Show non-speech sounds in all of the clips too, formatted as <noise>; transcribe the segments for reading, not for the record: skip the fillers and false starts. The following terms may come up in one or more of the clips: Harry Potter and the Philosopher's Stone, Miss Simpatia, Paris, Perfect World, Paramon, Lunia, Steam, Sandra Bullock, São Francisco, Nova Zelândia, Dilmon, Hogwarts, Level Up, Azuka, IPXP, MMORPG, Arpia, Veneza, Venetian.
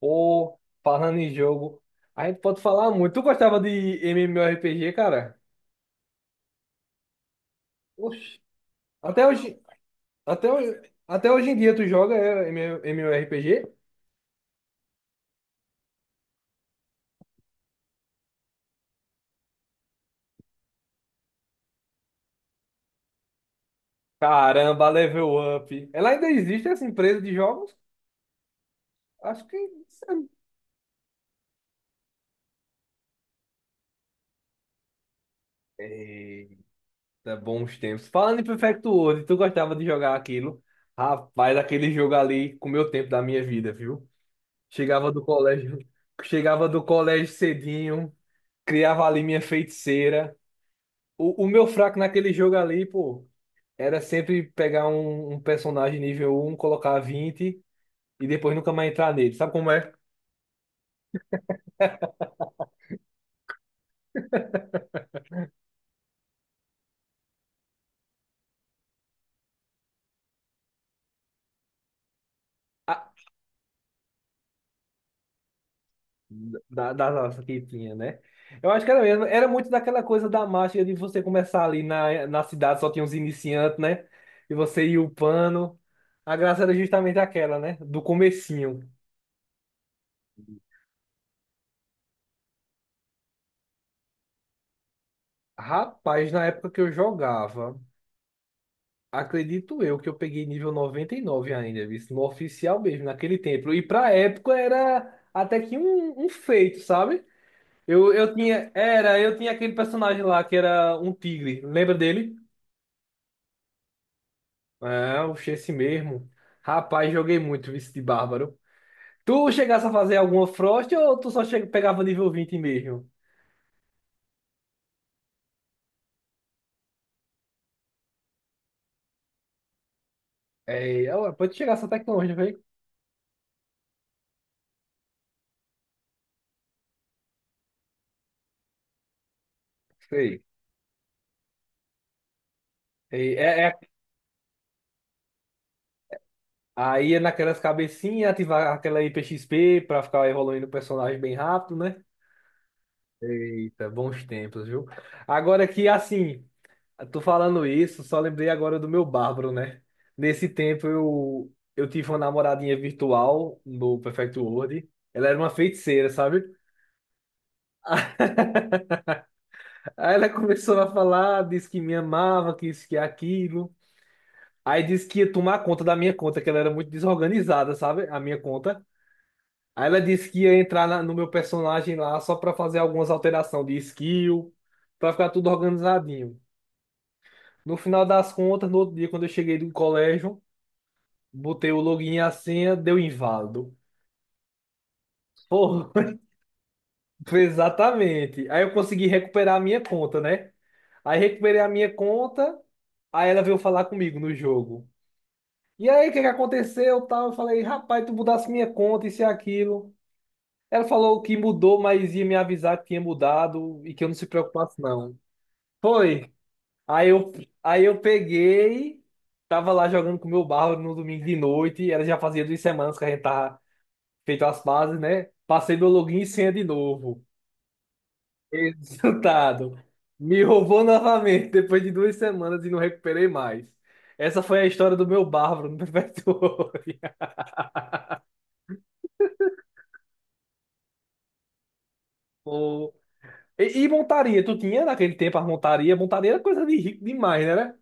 Ou falando em jogo, a gente pode falar muito. Tu gostava de MMORPG, cara? Oxi. Até hoje, Até hoje em dia tu joga MMORPG? Caramba, Level Up. Ela ainda existe essa empresa de jogos? Acho que. Eita, bons tempos. Falando em Perfect World, tu gostava de jogar aquilo? Rapaz, aquele jogo ali comeu tempo da minha vida, viu? Chegava do colégio, Chegava do colégio cedinho, criava ali minha feiticeira. O meu fraco naquele jogo ali, pô, era sempre pegar um personagem nível 1 colocar 20 e depois nunca mais entrar nele. Sabe como é? A- da nossa que tinha, né? Eu acho que era mesmo. Era muito daquela coisa da mágica de você começar ali na cidade, só tinha os iniciantes, né? E você ia upando. A graça era justamente aquela, né? Do comecinho. Rapaz, na época que eu jogava. Acredito eu que eu peguei nível 99 ainda, visto, no oficial mesmo, naquele tempo. E pra época era até que um feito, sabe? Eu tinha aquele personagem lá que era um tigre, lembra dele? É, o esse mesmo. Rapaz, joguei muito vice de Bárbaro. Tu chegasse a fazer alguma Frost ou pegava nível 20 mesmo? É, pode chegar até que longe, velho. Sei. É, é. Aí é naquelas cabecinhas, ativar aquela IPXP pra ficar evoluindo o personagem bem rápido, né? Eita, bons tempos, viu? Agora que, assim, tô falando isso, só lembrei agora do meu Bárbaro, né? Nesse tempo eu tive uma namoradinha virtual no Perfect World. Ela era uma feiticeira, sabe? Aí ela <laughs> começou a falar, disse que me amava, que isso, que aquilo. Aí disse que ia tomar conta da minha conta, que ela era muito desorganizada, sabe? A minha conta. Aí ela disse que ia entrar no meu personagem lá só pra fazer algumas alterações de skill, pra ficar tudo organizadinho. No final das contas, no outro dia, quando eu cheguei do colégio, botei o login e a senha, deu inválido. Porra, <laughs> foi exatamente. Aí eu consegui recuperar a minha conta, né? Aí recuperei a minha conta, aí ela veio falar comigo no jogo. E aí, o que que aconteceu? Tal, eu falei, rapaz, tu mudasse minha conta, isso e aquilo. Ela falou que mudou, mas ia me avisar que tinha mudado e que eu não se preocupasse, não. Foi. Aí eu, aí eu peguei, tava lá jogando com o meu barro no domingo de noite, ela já fazia 2 semanas que a gente tava feito as bases, né? Passei meu login e senha de novo. <laughs> Resultado. Me roubou novamente depois de 2 semanas e não recuperei mais. Essa foi a história do meu bárbaro no Prefeitório. <laughs> Pô. E montaria? Tu tinha naquele tempo as montaria? Montaria era coisa de rico demais, né? Né?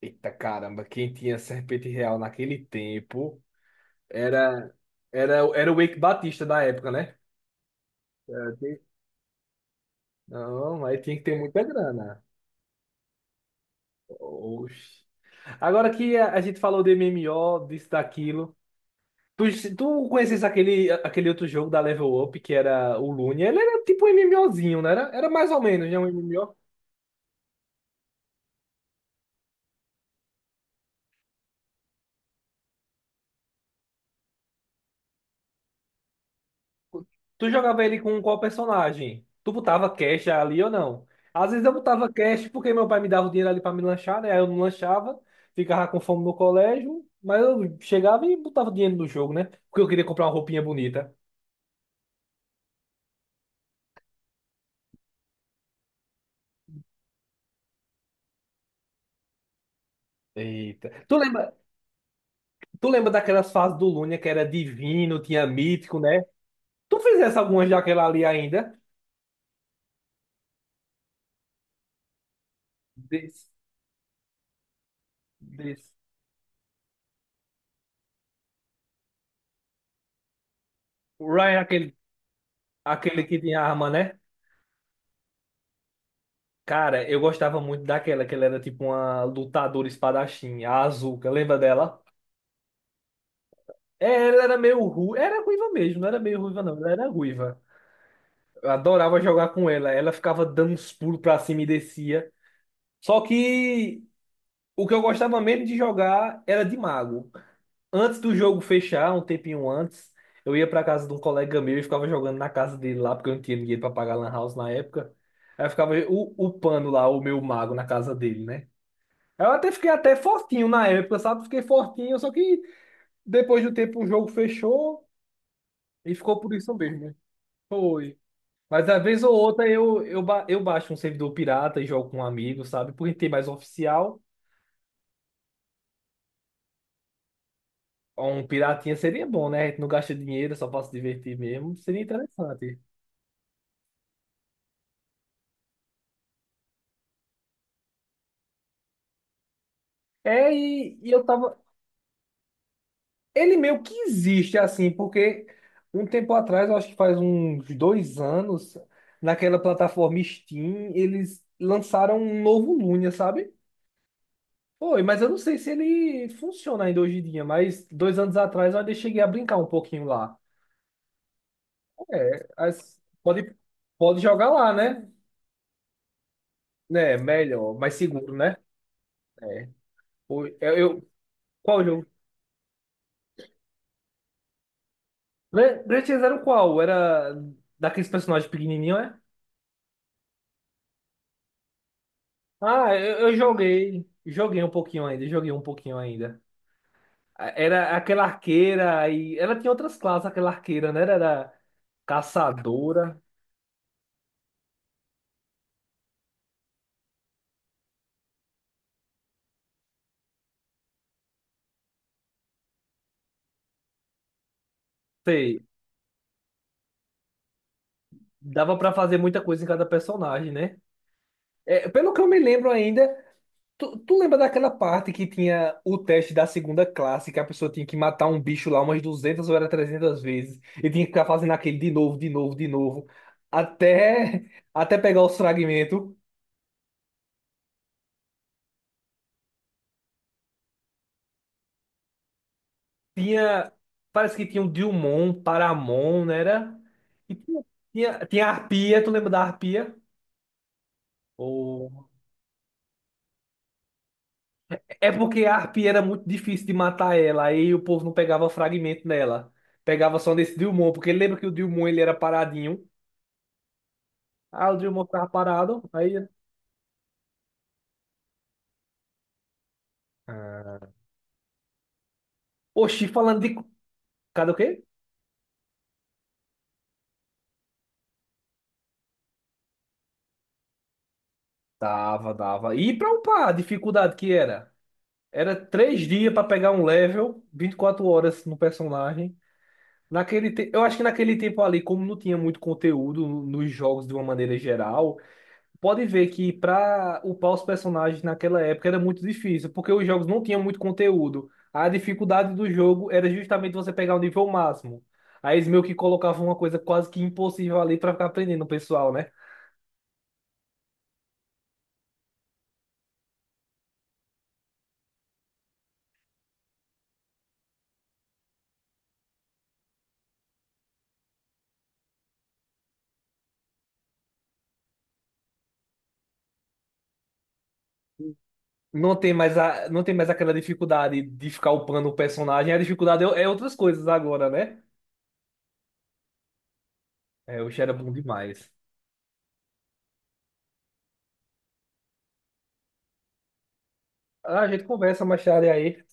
Eita caramba, quem tinha serpente real naquele tempo? Era, era o Eike Batista da época, né? Era, tem- Não, aí tinha que ter muita grana. Oxi. Agora que a gente falou de MMO, disso, daquilo. Tu conheces aquele outro jogo da Level Up que era o Lune? Ele era tipo um MMOzinho, né? Era mais ou menos, né? Um MMO. Tu jogava ele com qual personagem? Tu botava cash ali ou não? Às vezes eu botava cash porque meu pai me dava o dinheiro ali pra me lanchar, né? Aí eu não lanchava, ficava com fome no colégio, mas eu chegava e botava dinheiro no jogo, né? Porque eu queria comprar uma roupinha bonita. Eita. Tu lembra daquelas fases do Lunia que era divino, tinha mítico, né? Tu fizesse algumas daquela ali ainda? Desse, desse. O Ryan, aquele que tinha arma, né? Cara, eu gostava muito daquela, que ela era tipo uma lutadora espadachim, a Azuka, lembra dela? É, ela era meio ruiva, era ruiva mesmo, não era meio ruiva não, ela era ruiva. Eu adorava jogar com ela, ela ficava dando uns pulos pra cima e descia. Só que o que eu gostava mesmo de jogar era de mago. Antes do jogo fechar, um tempinho antes, eu ia pra casa de um colega meu e ficava jogando na casa dele lá, porque eu não tinha dinheiro pra pagar lan house na época. Aí eu ficava o pano lá, o meu mago na casa dele, né? Eu até fiquei até fortinho na época, sabe? Fiquei fortinho, só que depois do tempo o jogo fechou e ficou por isso mesmo, né? Foi. Mas às vez ou outra eu baixo um servidor pirata e jogo com um amigo, sabe? Porque tem mais oficial. Um piratinha seria bom, né? A gente não gasta dinheiro, só pra se divertir mesmo. Seria interessante. É, e eu tava. Ele meio que existe assim, porque um tempo atrás, eu acho que faz uns 2 anos, naquela plataforma Steam, eles lançaram um novo Lunia, sabe? Foi, mas eu não sei se ele funciona ainda hoje em dia, mas 2 anos atrás eu ainda cheguei a brincar um pouquinho lá. É, pode jogar lá, né? É, melhor, mais seguro, né? É. O- Eu, eu- qual jogo? Gran Theft qual? Era daqueles personagens pequenininhos, é? Ah, eu joguei um pouquinho ainda, joguei um pouquinho ainda. Era aquela arqueira, e ela tinha outras classes, aquela arqueira, né? Era caçadora, sei. Dava pra fazer muita coisa em cada personagem, né? É, pelo que eu me lembro ainda, tu lembra daquela parte que tinha o teste da segunda classe, que a pessoa tinha que matar um bicho lá umas 200 ou era 300 vezes, e tinha que ficar fazendo aquele de novo, de novo, de novo, até, <laughs> até pegar os fragmentos. Tinha, Parece que tinha o Dilmon, Paramon, né? E tinha a Arpia, tu lembra da Arpia? Ou É porque a harpia era muito difícil de matar ela, aí o povo não pegava fragmento nela. Pegava só nesse Dilmon, porque lembra que o Dilmon ele era paradinho. Ah, o Dilmon ficava parado, aí... Ah, oxi, falando de... Cadê o quê? Dava, dava. E pra upar, a dificuldade que era? Era 3 dias pra pegar um level, 24 horas no personagem. Eu acho que naquele tempo ali, como não tinha muito conteúdo nos jogos de uma maneira geral, pode ver que para upar os personagens naquela época era muito difícil, porque os jogos não tinham muito conteúdo. A dificuldade do jogo era justamente você pegar o nível máximo. Aí eles meio que colocavam uma coisa quase que impossível ali para ficar aprendendo o pessoal, né? Não tem mais aquela dificuldade de ficar upando o personagem, a dificuldade é outras coisas agora, né? É, o era bom demais. Ah, a gente conversa mais tarde aí.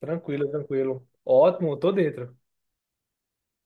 Tranquilo, tranquilo. Ótimo, tô dentro.